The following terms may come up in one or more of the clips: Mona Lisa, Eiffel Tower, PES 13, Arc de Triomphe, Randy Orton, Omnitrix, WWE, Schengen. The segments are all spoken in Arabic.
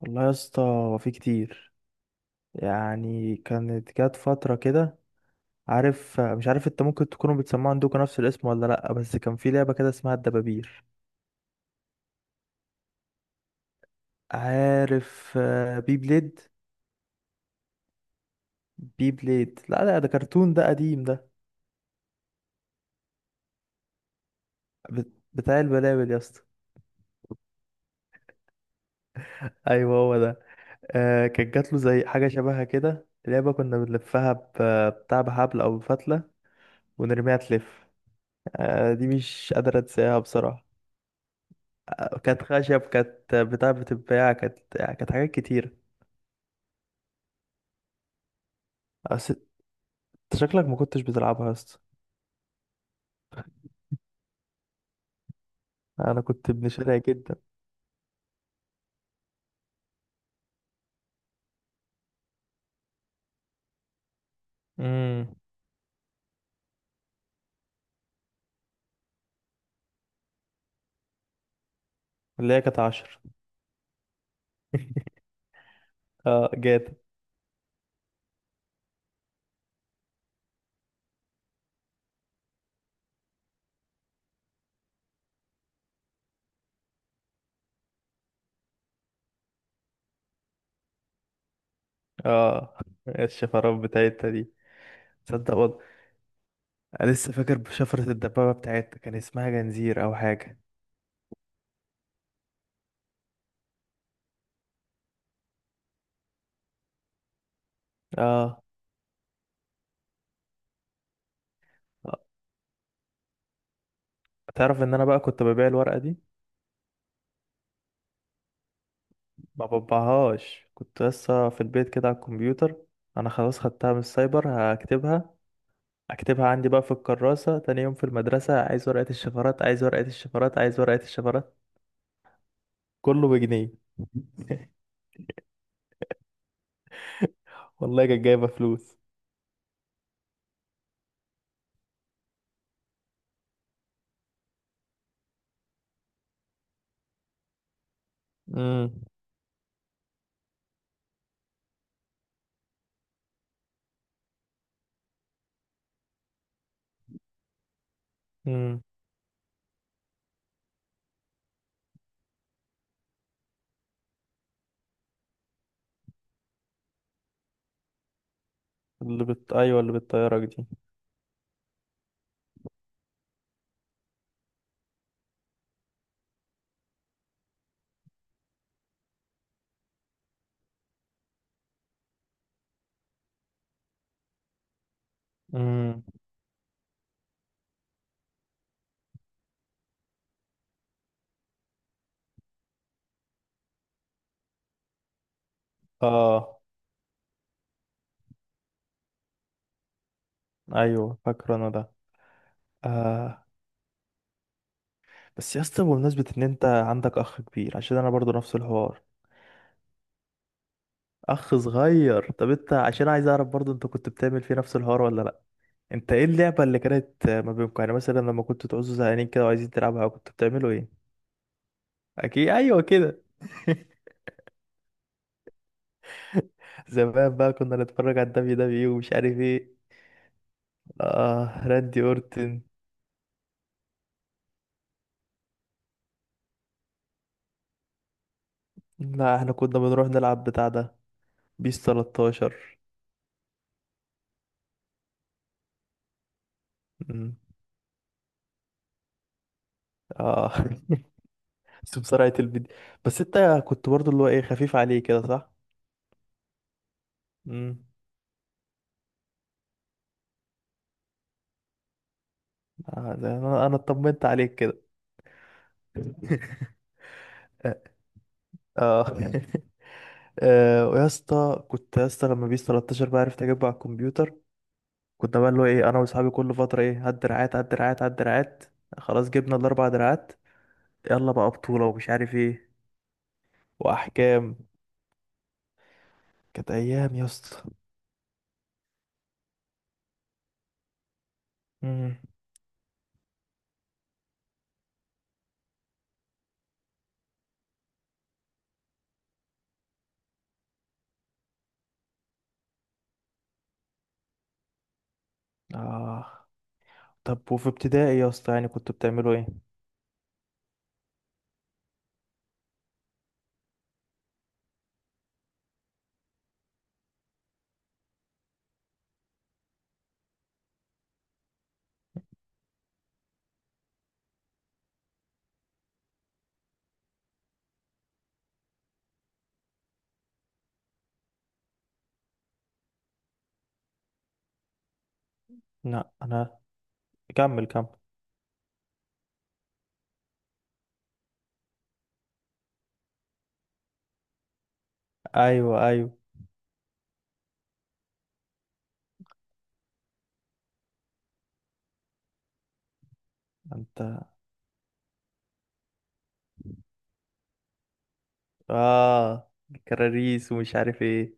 والله يا اسطى هو في كتير. يعني كانت جت فترة كده. عارف، مش عارف انت ممكن تكونوا بتسمعوا عندكم نفس الاسم ولا لأ، بس كان في لعبة كده اسمها الدبابير. عارف، بي بليد. بي بليد، لا لا، ده كرتون، ده قديم ده. بتاع البلابل يا اسطى. ايوه هو ده. كانت جات له زي حاجة شبهها كده، لعبة كنا بنلفها بتاع بحبل او بفتلة ونرميها تلف. دي مش قادر انساها بصراحة. كانت خشب، كانت بتاع بتتباع، كانت، يعني كانت حاجات كتير. بس انت شكلك ما كنتش بتلعبها يا اسطى. انا كنت ابن شارع جدا. امم اللي هي كانت عشر. اه جاتا. اه، الشفرات بتاعتها دي، تصدق والله، انا لسه فاكر شفرة الدبابة بتاعتها كان اسمها جنزير او حاجة. اه. آه. تعرف ان انا بقى كنت ببيع الورقة دي؟ ما بطبعهاش، كنت لسه في البيت كده على الكمبيوتر. انا خلاص خدتها من السايبر، هكتبها، اكتبها عندي بقى في الكراسة. تاني يوم في المدرسة: عايز ورقة الشفرات، عايز ورقة الشفرات، عايز ورقة الشفرات، كله بجنيه. والله كانت جايبة فلوس. امم امم اللي ايوه اللي بالطيارة دي. امم اه ايوه فاكره انا ده. آه. بس يا اسطى، بمناسبة ان انت عندك اخ كبير، عشان انا برضو نفس الحوار. اخ صغير، طب انت عشان عايز اعرف برضو، انت كنت بتعمل فيه نفس الحوار ولا لا؟ انت ايه اللعبة اللي كانت ما بينكم؟ يعني مثلا لما كنتوا تعوزوا زهقانين كده وعايزين تلعبها كنتوا بتعملوا ايه؟ اكيد، ايوه كده. زمان بقى كنا نتفرج على الدبليو دبليو ومش عارف ايه. اه، راندي اورتن. لا، احنا كنا بنروح نلعب بتاع ده، بيس 13. مم. اه. بس بسرعة الفيديو. بس انت كنت برضو اللي هو ايه، خفيف عليه كده، صح؟ مم. آه، ده انا اطمنت عليك كده. اه. آه. ويا اسطى كنت يا اسطى، لما بيس 13 بقى عرفت اجيبه على الكمبيوتر، كنا بقى اللي هو ايه، انا واصحابي كل فترة ايه: هات دراعات، هات دراعات، هات دراعات. خلاص جبنا الاربع دراعات، يلا بقى بطولة ومش عارف ايه واحكام. كانت ايام يا اسطى. مم. اه. طب وفي ابتدائي يا اسطى يعني كنتوا بتعملوا ايه؟ لا انا، كمل كمل. ايوه ايوه. انت. اه. كراريس ومش عارف ايه.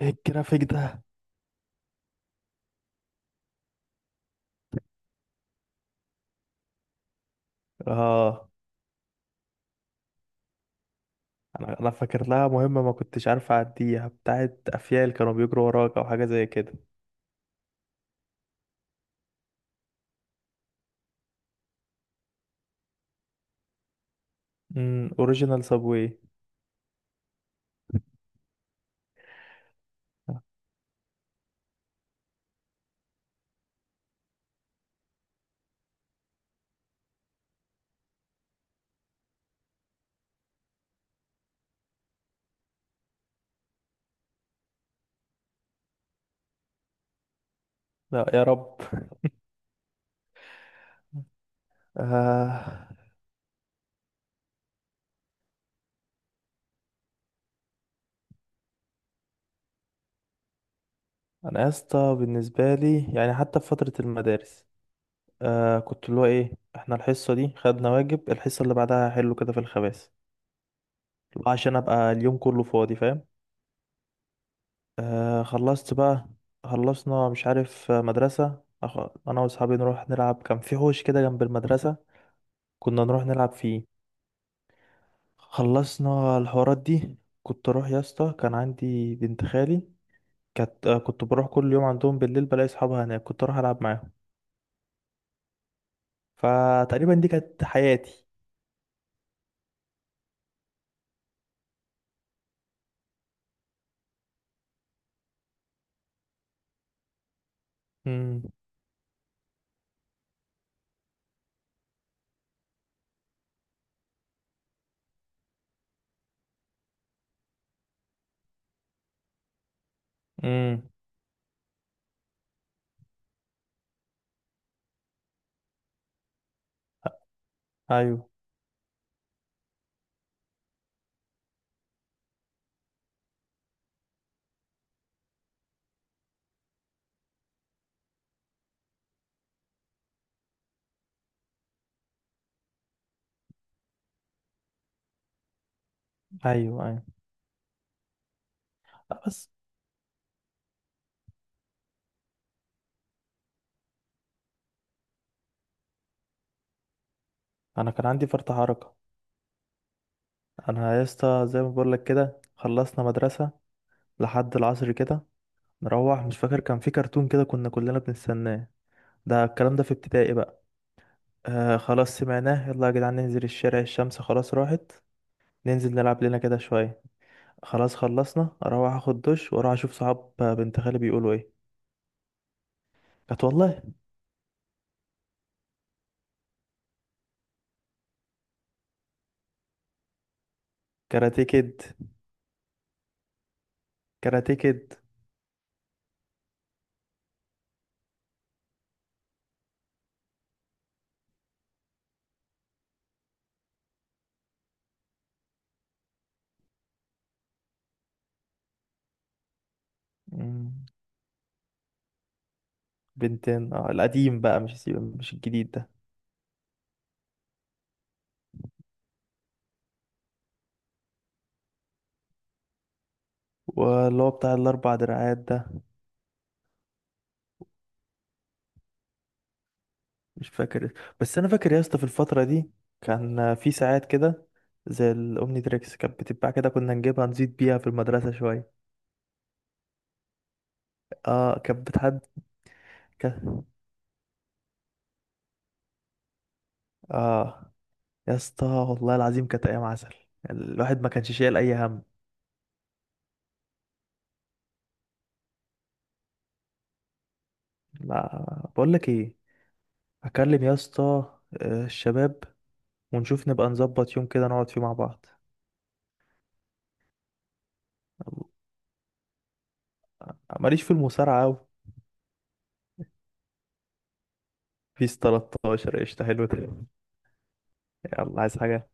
ايه الجرافيك ده؟ اه، انا فاكر لها مهمه ما كنتش عارف اعديها، بتاعت افيال كانوا بيجروا وراك او حاجه زي كده. اوريجينال سابوي. لا يا رب. آه. انا يا اسطى بالنسبه لي، يعني حتى في فتره المدارس، كنت اللي هو ايه، احنا الحصه دي خدنا واجب، الحصه اللي بعدها هحله كده في الخباث، عشان ابقى اليوم كله فاضي، فاهم. خلصت بقى، خلصنا، مش عارف، مدرسه، انا واصحابي نروح نلعب. كان في حوش كده جنب المدرسه، كنا نروح نلعب فيه. خلصنا الحوارات دي، كنت اروح يا اسطى، كان عندي بنت خالي، كانت كنت بروح كل يوم عندهم بالليل، بلاقي اصحابها هناك، كنت اروح العب معاهم. فتقريبا دي كانت حياتي. امم امم ايوه ايوه ايوه. لا بس، انا كان عندي فرط حركه. انا يا اسطى زي ما بقول لك كده، خلصنا مدرسه لحد العصر كده، نروح، مش فاكر كان في كرتون كده كنا كلنا بنستناه، ده الكلام ده في ابتدائي بقى. خلاص سمعناه، يلا يا جدعان ننزل الشارع، الشمس خلاص راحت، ننزل نلعب لنا كده شويه. خلاص خلصنا، اروح اخد دش واروح اشوف صحاب بنت خالي بيقولوا ايه. كانت والله. كاراتيه كيد. كاراتيه كيد. مم. بنتين، اه القديم بقى، مش الجديد ده. واللي هو بتاع الاربع دراعات ده، مش فاكر. بس انا فاكر يا اسطى في الفتره دي كان في ساعات كده زي الاومني تريكس كانت بتتباع كده، كنا نجيبها نزيد بيها في المدرسه شويه. اه كانت بتحد. ك... اه يا اسطى والله العظيم كانت ايام عسل، الواحد ما كانش شايل اي هم. لا، بقول لك ايه، هكلم يا اسطى الشباب، ونشوف نبقى نظبط يوم كده نقعد فيه مع بعض. ماليش في المصارعه قوي. بيس 13 قشطه، حلو ده. يلا عايز حاجه؟